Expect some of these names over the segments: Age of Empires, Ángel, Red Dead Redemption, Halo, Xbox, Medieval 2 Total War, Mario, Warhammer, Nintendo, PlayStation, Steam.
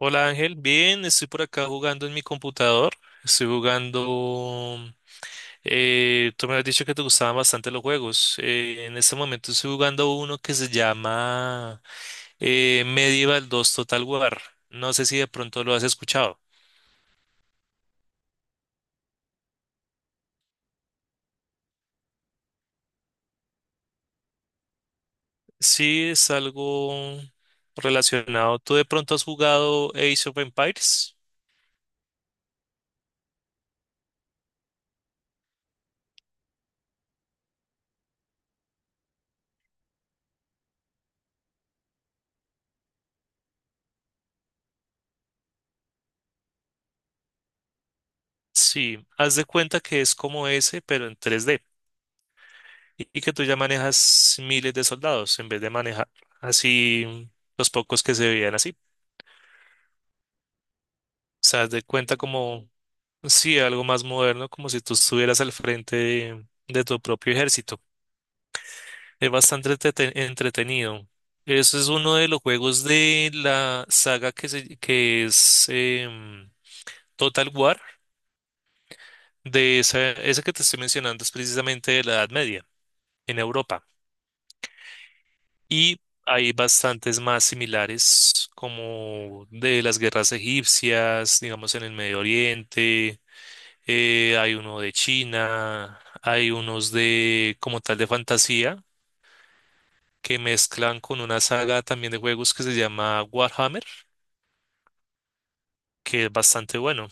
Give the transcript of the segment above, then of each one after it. Hola Ángel, bien, estoy por acá jugando en mi computador. Estoy jugando. Tú me has dicho que te gustaban bastante los juegos. En este momento estoy jugando uno que se llama Medieval 2 Total War. No sé si de pronto lo has escuchado. Sí, es algo relacionado. ¿Tú de pronto has jugado Age of Empires? Sí, haz de cuenta que es como ese, pero en 3D. Y que tú ya manejas miles de soldados en vez de manejar así los pocos que se veían así. O sea, haz de cuenta como, sí, algo más moderno, como si tú estuvieras al frente de tu propio ejército. Es bastante entretenido. Eso es uno de los juegos de la saga que, que es Total War, de esa, ese que te estoy mencionando es precisamente de la Edad Media en Europa. Y hay bastantes más similares, como de las guerras egipcias, digamos en el Medio Oriente, hay uno de China, hay unos de como tal de fantasía que mezclan con una saga también de juegos que se llama Warhammer, que es bastante bueno.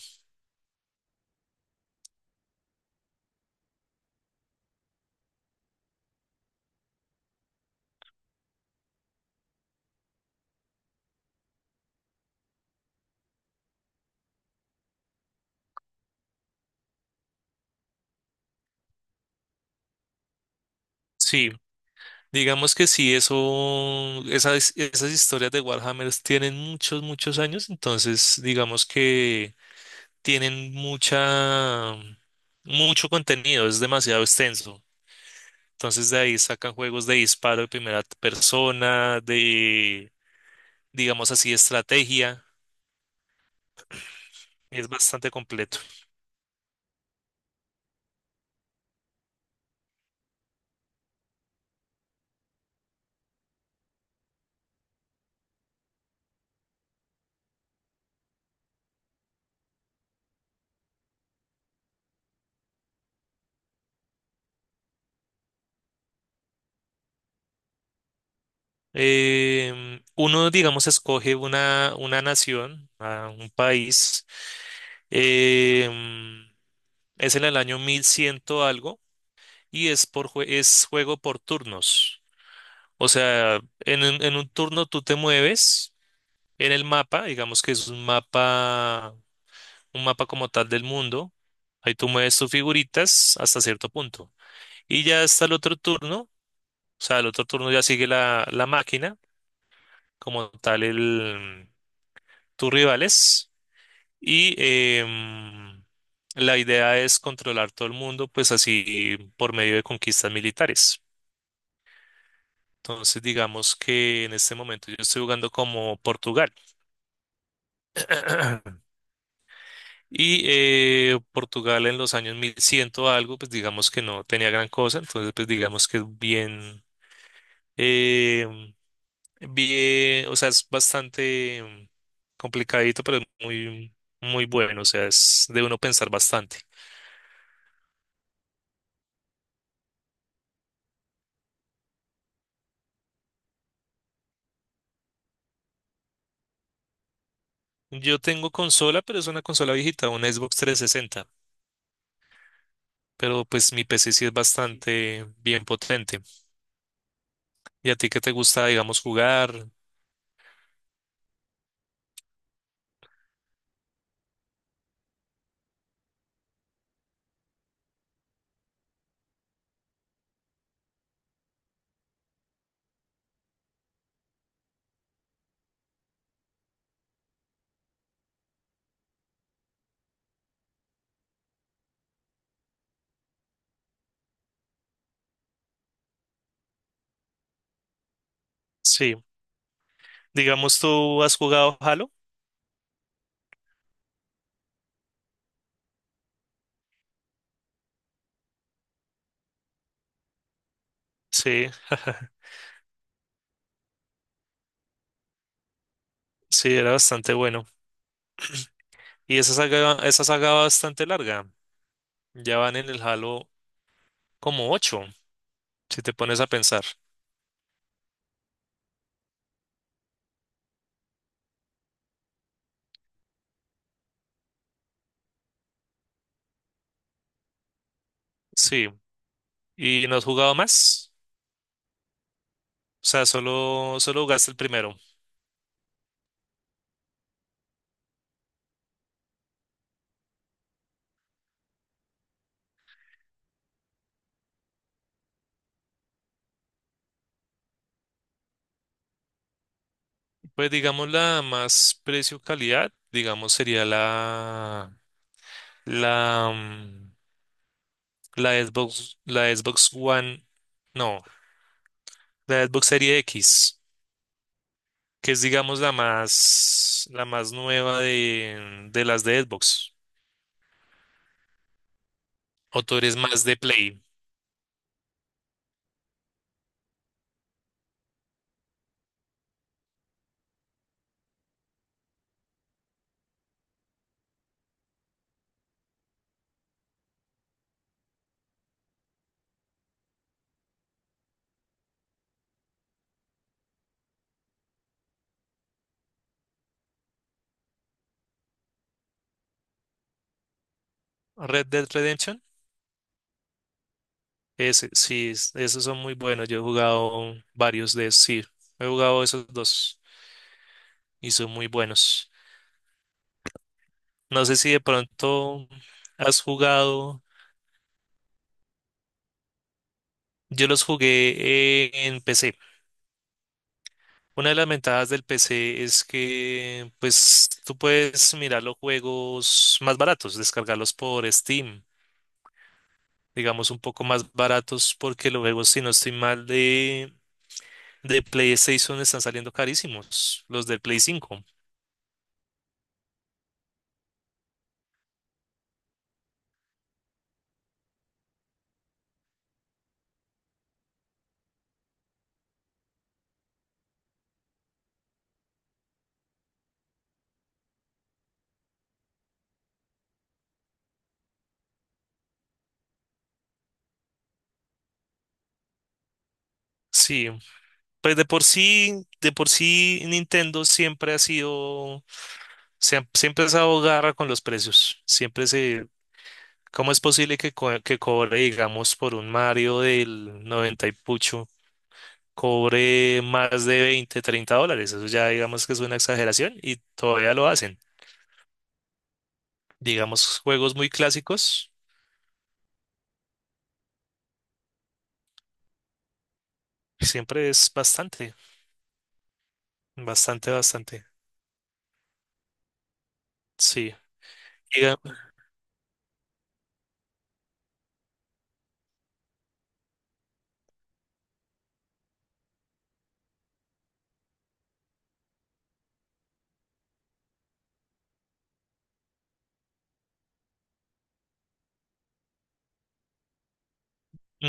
Sí, digamos que sí, eso, esas, esas historias de Warhammer tienen muchos, muchos años, entonces digamos que tienen mucha, mucho contenido, es demasiado extenso. Entonces de ahí sacan juegos de disparo de primera persona, de, digamos así, estrategia. Es bastante completo. Uno, digamos, escoge una nación, a un país. em, es en el año 1100 algo y es, por, es juego por turnos. O sea, en un turno tú te mueves. En el mapa, digamos que es un mapa como tal del mundo. Ahí tú mueves tus figuritas hasta cierto punto. Y ya hasta el otro turno, o sea, el otro turno ya sigue la máquina, como tal el, tus rivales. Y la idea es controlar todo el mundo, pues así por medio de conquistas militares. Entonces, digamos que en este momento yo estoy jugando como Portugal. Y Portugal en los años 1100 o algo, pues digamos que no tenía gran cosa, entonces pues digamos que es bien, eh, bien, o sea, es bastante complicadito, pero es muy, muy bueno, o sea, es de uno pensar bastante. Yo tengo consola, pero es una consola viejita, una Xbox 360, pero pues mi PC sí es bastante bien potente. ¿Y a ti qué te gusta, digamos, jugar? Sí, digamos, ¿tú has jugado Halo? Sí, sí, era bastante bueno. Y esa saga va bastante larga. Ya van en el Halo como ocho, si te pones a pensar. Sí. ¿Y no has jugado más? O sea, solo, solo jugaste el primero. Pues digamos la más precio-calidad, digamos sería la, la, la Xbox One, no, la Xbox Serie X, que es digamos la más nueva de las de Xbox. ¿O tú eres más de Play? Red Dead Redemption. Ese, sí, esos son muy buenos. Yo he jugado varios de esos, sí. He jugado esos dos y son muy buenos. No sé si de pronto has jugado. Yo los jugué en PC. Una de las ventajas del PC es que, pues, tú puedes mirar los juegos más baratos, descargarlos por Steam, digamos un poco más baratos, porque los juegos, si no estoy mal, de PlayStation están saliendo carísimos, los del Play 5. Sí, pues de por sí Nintendo siempre ha sido, siempre ha estado garra con los precios. Siempre se, ¿cómo es posible que, que cobre, digamos, por un Mario del 90 y pucho, cobre más de 20, 30 dólares? Eso ya digamos que es una exageración y todavía lo hacen. Digamos, juegos muy clásicos, siempre es bastante, bastante, bastante. Sí. Diga-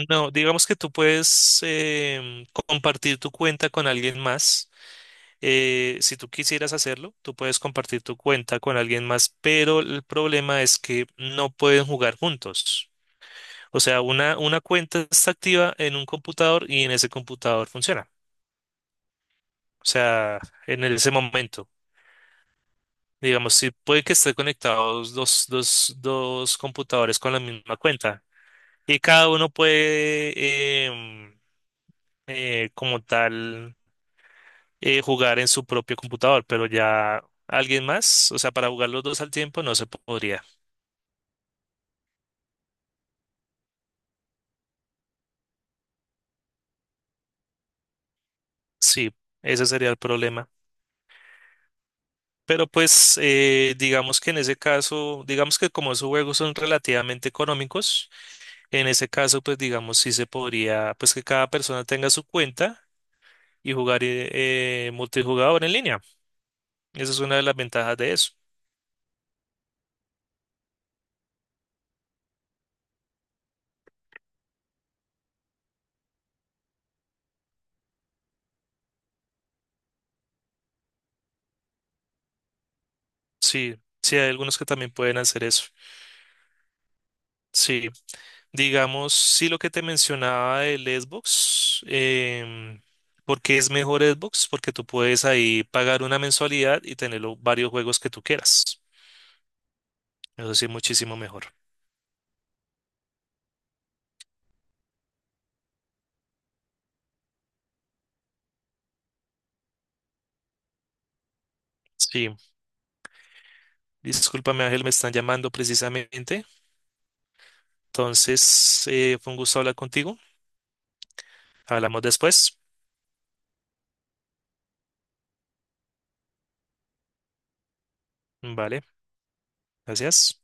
No, digamos que tú puedes compartir tu cuenta con alguien más. Si tú quisieras hacerlo, tú puedes compartir tu cuenta con alguien más, pero el problema es que no pueden jugar juntos. O sea, una cuenta está activa en un computador y en ese computador funciona. O sea, en ese momento. Digamos, si puede que estén conectados dos computadores con la misma cuenta y cada uno puede, como tal, jugar en su propio computador, pero ya alguien más, o sea, para jugar los dos al tiempo no se podría. Sí, ese sería el problema. Pero pues digamos que en ese caso, digamos que como esos juegos son relativamente económicos, en ese caso pues digamos sí se podría, pues que cada persona tenga su cuenta y jugar multijugador en línea. Esa es una de las ventajas de eso. Sí, sí hay algunos que también pueden hacer eso. Sí, digamos, sí lo que te mencionaba del Xbox, ¿por qué es mejor Xbox? Porque tú puedes ahí pagar una mensualidad y tener los varios juegos que tú quieras. Eso sí, muchísimo mejor. Sí, discúlpame Ángel, me están llamando precisamente. Entonces, fue un gusto hablar contigo. Hablamos después. Vale, gracias.